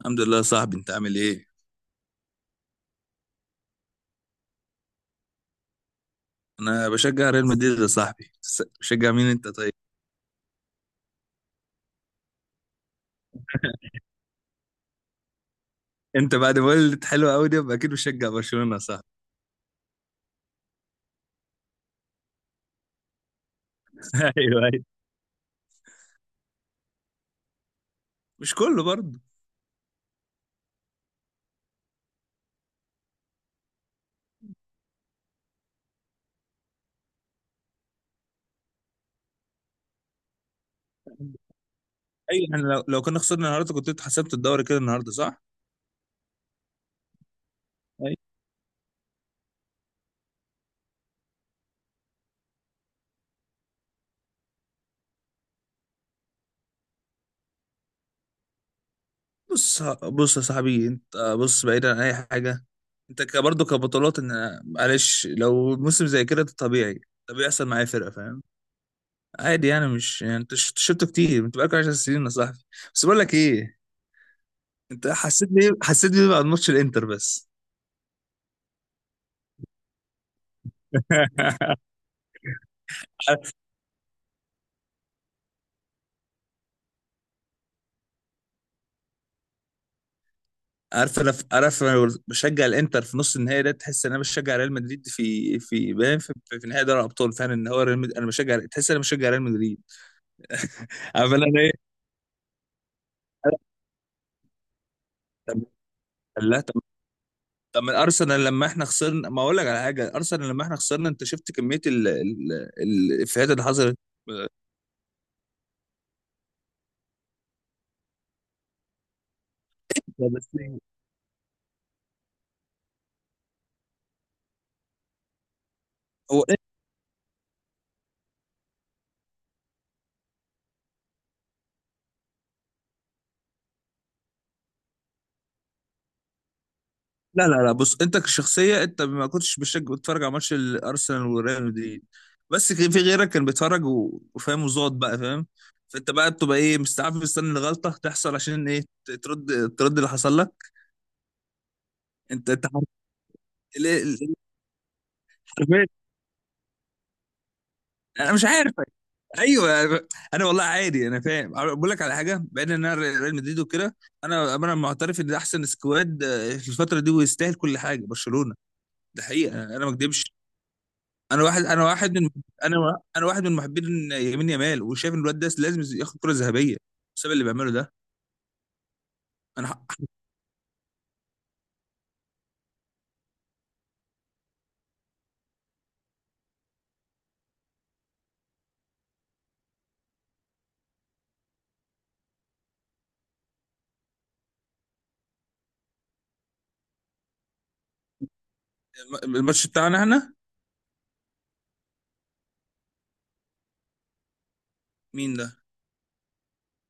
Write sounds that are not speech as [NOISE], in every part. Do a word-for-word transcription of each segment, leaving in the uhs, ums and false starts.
الحمد لله يا صاحبي، انت عامل ايه؟ انا بشجع ريال مدريد يا صاحبي. س- بشجع مين انت طيب؟ انت بعد ما قلت حلوه قوي دي يبقى اكيد بشجع برشلونه يا صاحبي. [LAUGHS] ايوه ايوه مش كله برضه. ايوه، يعني لو لو كنا خسرنا النهارده كنت انت حسبت الدوري كده النهارده، صح؟ ايوه. بص بص يا صاحبي، انت بص بعيدا عن اي حاجه. انت ك- برضه كبطولات، ان معلش لو موسم زي كده ده طبيعي. ده بيحصل معايا فرقه، فاهم؟ عادي يعني، مش يعني انت ش- شفته كتير، انت بقالك عشر سنين يا صاحبي. بس بقول لك ايه، انت حسيت بيه، حسيت بيه بعد ماتش الانتر بس. [LAUGHS] عارف انا؟ عارف انا بشجع الانتر في نص النهائي ده؟ تحس ان انا بشجع ريال مدريد في في باين في, في نهائي دوري الابطال فعلا، ان هو ريال مدريد انا بشجع. تحس ان انا بشجع ريال مدريد. عارف انا ايه؟ طب، لا طب، طب من ارسنال لما احنا خسرنا، ما اقول لك على حاجه، ارسنال لما احنا خسرنا انت شفت كميه ال- ال- الافيهات اللي حصلت؟ بس هو، لا لا لا، بص، انت كشخصيه انت ما كنتش بتشجع، بتتفرج على ماتش الارسنال وريال مدريد، بس كان في غيرك كان بيتفرج و- وفاهم وزاد بقى، فاهم؟ فانت بقى بتبقى ايه، مستعف مستني الغلطه تحصل عشان ايه؟ ت- ترد، ترد اللي حصل لك. انت انت حر- ليه- ليه؟ حرفيا انا مش عارف. ايوه. انا والله عادي، انا فاهم، بقول لك على حاجه بعيد، ان انا ريال مدريد وكده، انا انا معترف ان ده احسن سكواد آه، في الفتره دي، ويستاهل كل حاجه برشلونه. ده حقيقه، انا ما اكدبش. انا واحد، انا واحد من، انا وا- انا واحد من محبين يمين يامال، وشايف ان الواد ده لازم ياخد كرة ذهبية بسبب اللي بيعمله ده. انا ح- الماتش بتاعنا احنا؟ مين ده؟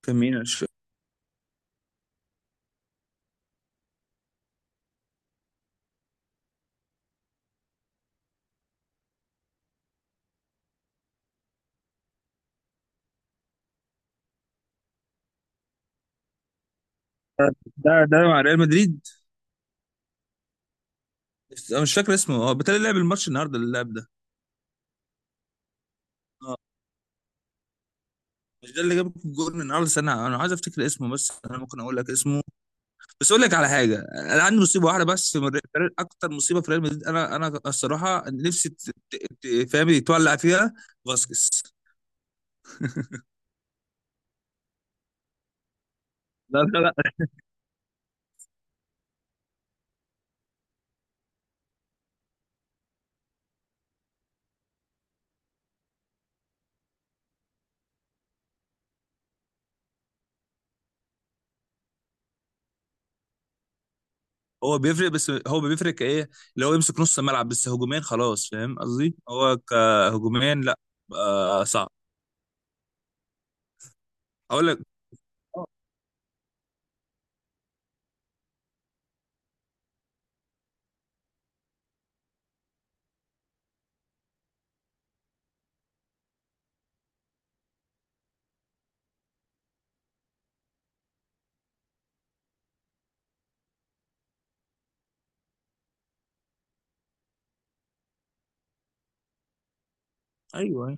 كان مين، أنا مش فاكر. ده ده مع ريال مدريد. انا مش فاكر اسمه، هو بتاع اللي لعب الماتش النهارده اللي لعب ده. اه. مش ده اللي جاب الجول النهارده؟ استنى، انا عايز افتكر اسمه، بس انا ممكن اقول لك اسمه. بس اقول لك على حاجه، انا عندي مصيبه واحده بس من ريال- ريال- اكتر مصيبه في ريال مدريد انا انا الصراحه نفسي ت- ت- ت- فاهم، تولع فيها. فاسكيز. لا لا لا، هو بيفرق، بس هو بيفرق كايه؟ اللي هو يمسك نص الملعب بس، هجوميا خلاص، فاهم قصدي؟ هو كهجوميا لا. آه صعب. اقول لك، آه، ايوه.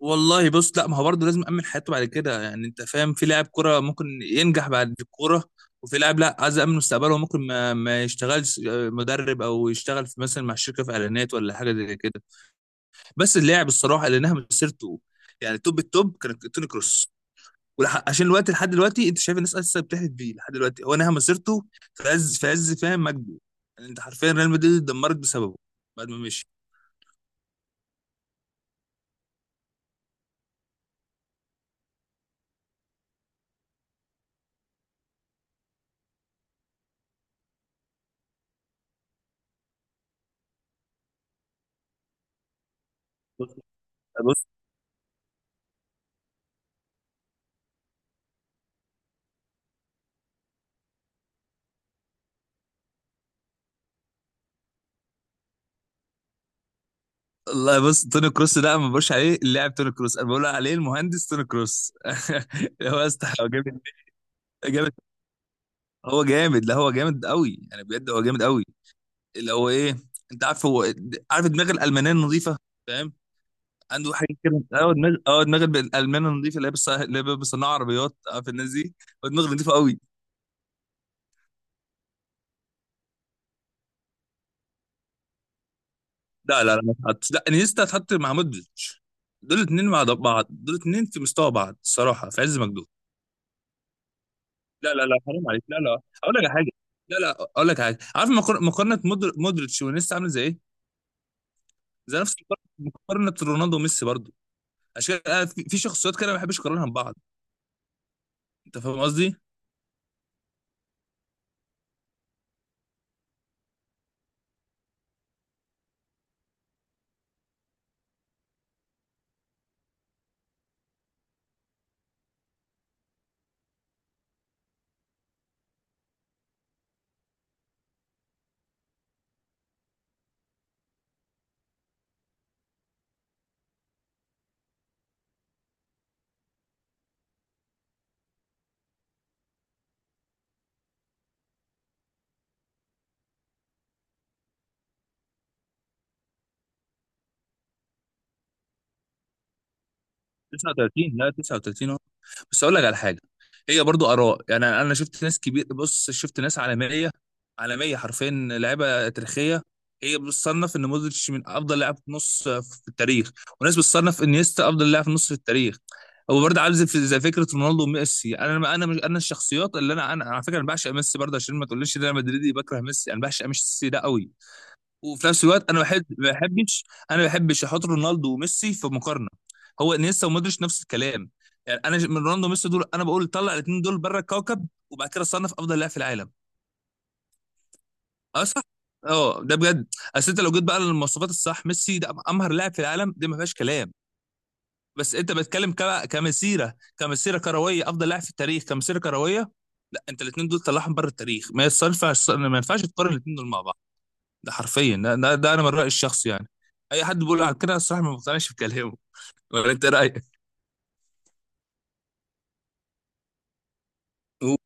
والله بص، لا، ما هو برضه لازم امن حياته بعد كده، يعني انت فاهم في لاعب كرة ممكن ينجح بعد الكوره، وفي لاعب لا عايز امن مستقبله، ممكن ما, ما يشتغلش آه، مدرب، او يشتغل في مثلا مع شركه في اعلانات ولا حاجه زي كده. بس اللاعب الصراحه اللي نهى مسيرته، يعني توب التوب، كان توني كروس. ولح... عشان الوقت لحد دلوقتي، انت شايف الناس لسه بتحلف بيه لحد دلوقتي. هو نهى مسيرته في عز، في عز فاهم مجده. يعني انت حرفيا ريال مدريد اتدمرت بسببه بعد ما مشي. بص بص الله، بص توني كروس ده، انا ما بقولش عليه اللاعب توني كروس، انا بقول عليه المهندس توني كروس. [LAUGHS] هو استح- هو جامد. جامد. هو جامد، لا هو جامد قوي يعني، بجد هو جامد قوي. اللي هو ايه، انت عارف هو، عارف دماغ الالمانيه النظيفه، فاهم؟ عنده حاجه كده، اه دماغ، اه دماغ الالمان النظيفه اللي هي بتص- اللي هي بتصنع عربيات، عارف الناس دي؟ هو دماغ نظيفه قوي. لا لا لا، ما تحطش، لا، انيستا تحط مع مودريتش، دول اتنين مع بعض، دول اتنين في مستوى بعض الصراحه في عز مجدهم. لا لا لا حرام عليك، لا، لا اقول لك على حاجه، لا، لا اقول لك على حاجه. عارف مقار- مقارنه مودر- مودريتش وانيستا عامله زي ايه؟ زي نفس مقارنه، مقارنة رونالدو وميسي برضه. عشان كده أنا في في شخصيات كده ما بحبش اقارنها ببعض. انت فاهم قصدي؟ تسعة وتلاتين، لا تسعة وثلاثين. بس اقول لك على حاجه، هي برضو اراء يعني. انا شفت ناس كبير، بص شفت ناس عالميه، عالميه حرفيا، لعيبه تاريخيه، هي بتصنف ان مودريتش من افضل لاعب نص في التاريخ، وناس بتصنف ان نيستا افضل لاعب نص في التاريخ. هو برضه عامل زي زي فكره رونالدو وميسي. انا انا مش انا الشخصيات اللي انا انا على فكره انا بعشق ميسي برضه، عشان ما تقوليش ان انا مدريدي بكره ميسي، انا بعشق ميسي ده قوي. وفي نفس الوقت انا بحب، ما بحبش، انا ما بحبش احط رونالدو وميسي في مقارنه. هو انيستا ومودريتش نفس الكلام. يعني انا ج- من رونالدو وميسي دول، انا بقول طلع الاثنين دول بره الكوكب، وبعد كده صنف افضل لاعب في العالم. اه صح. اه ده بجد. اصل انت لو جيت بقى للمواصفات الصح، ميسي ده امهر لاعب في العالم، دي ما فيهاش كلام. بس انت بتتكلم ك- كمسيره، كمسيره كرويه، افضل لاعب في التاريخ كمسيره كرويه، لا، انت الاثنين دول طلعهم بره التاريخ، ما يصنفعش، ما ينفعش تقارن الاثنين دول مع بعض. ده حرفيا ده, ده, ده انا من رايي الشخصي يعني. اي حد بيقول على كده الصراحه ما بقتنعش بكلامه. [LAUGHS] ولا انت رايك؟ هو-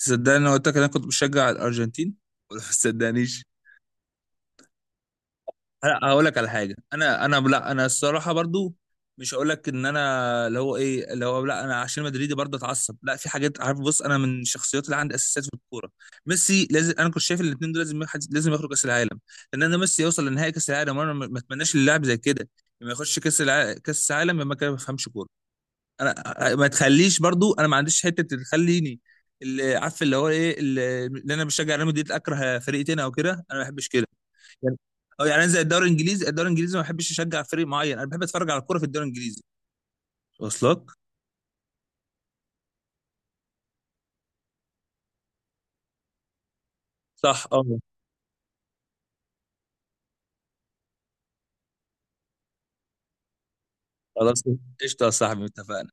صدقني انا قلت لك انا كنت بشجع الارجنتين، [LAUGHS] ولا ما صدقنيش؟ لا هقول لك على حاجه، انا انا لا انا الصراحه برضو، مش هقول لك ان انا اللي هو ايه، اللي هو لا انا عشان مدريدي برضه اتعصب، لا، في حاجات، عارف بص انا من الشخصيات اللي عندي اساسيات في الكوره. ميسي لازم، انا كنت شايف الاثنين دول لازم يحد- لازم يخرج كاس العالم. لان انا ميسي يوصل لنهائي كاس العالم وانا ما ما اتمناش للاعب زي كده لما يخش كاس الع... كاس العالم ما كان، ما بفهمش كوره. انا ما تخليش برضو، انا ما عنديش حته تخليني اللي عارف اللي هو ايه، اللي اللي انا بشجع ريال مدريد اكره فريق تاني او كده، انا ما بحبش كده يعني. اه يعني انا زي الدوري الانجليزي، الدوري الانجليزي ما بحبش اشجع فريق معين، انا بحب اتفرج على الكوره في الدوري الانجليزي. واصلك. صح، اه. خلاص، قشطه يا صاحبي، اتفقنا.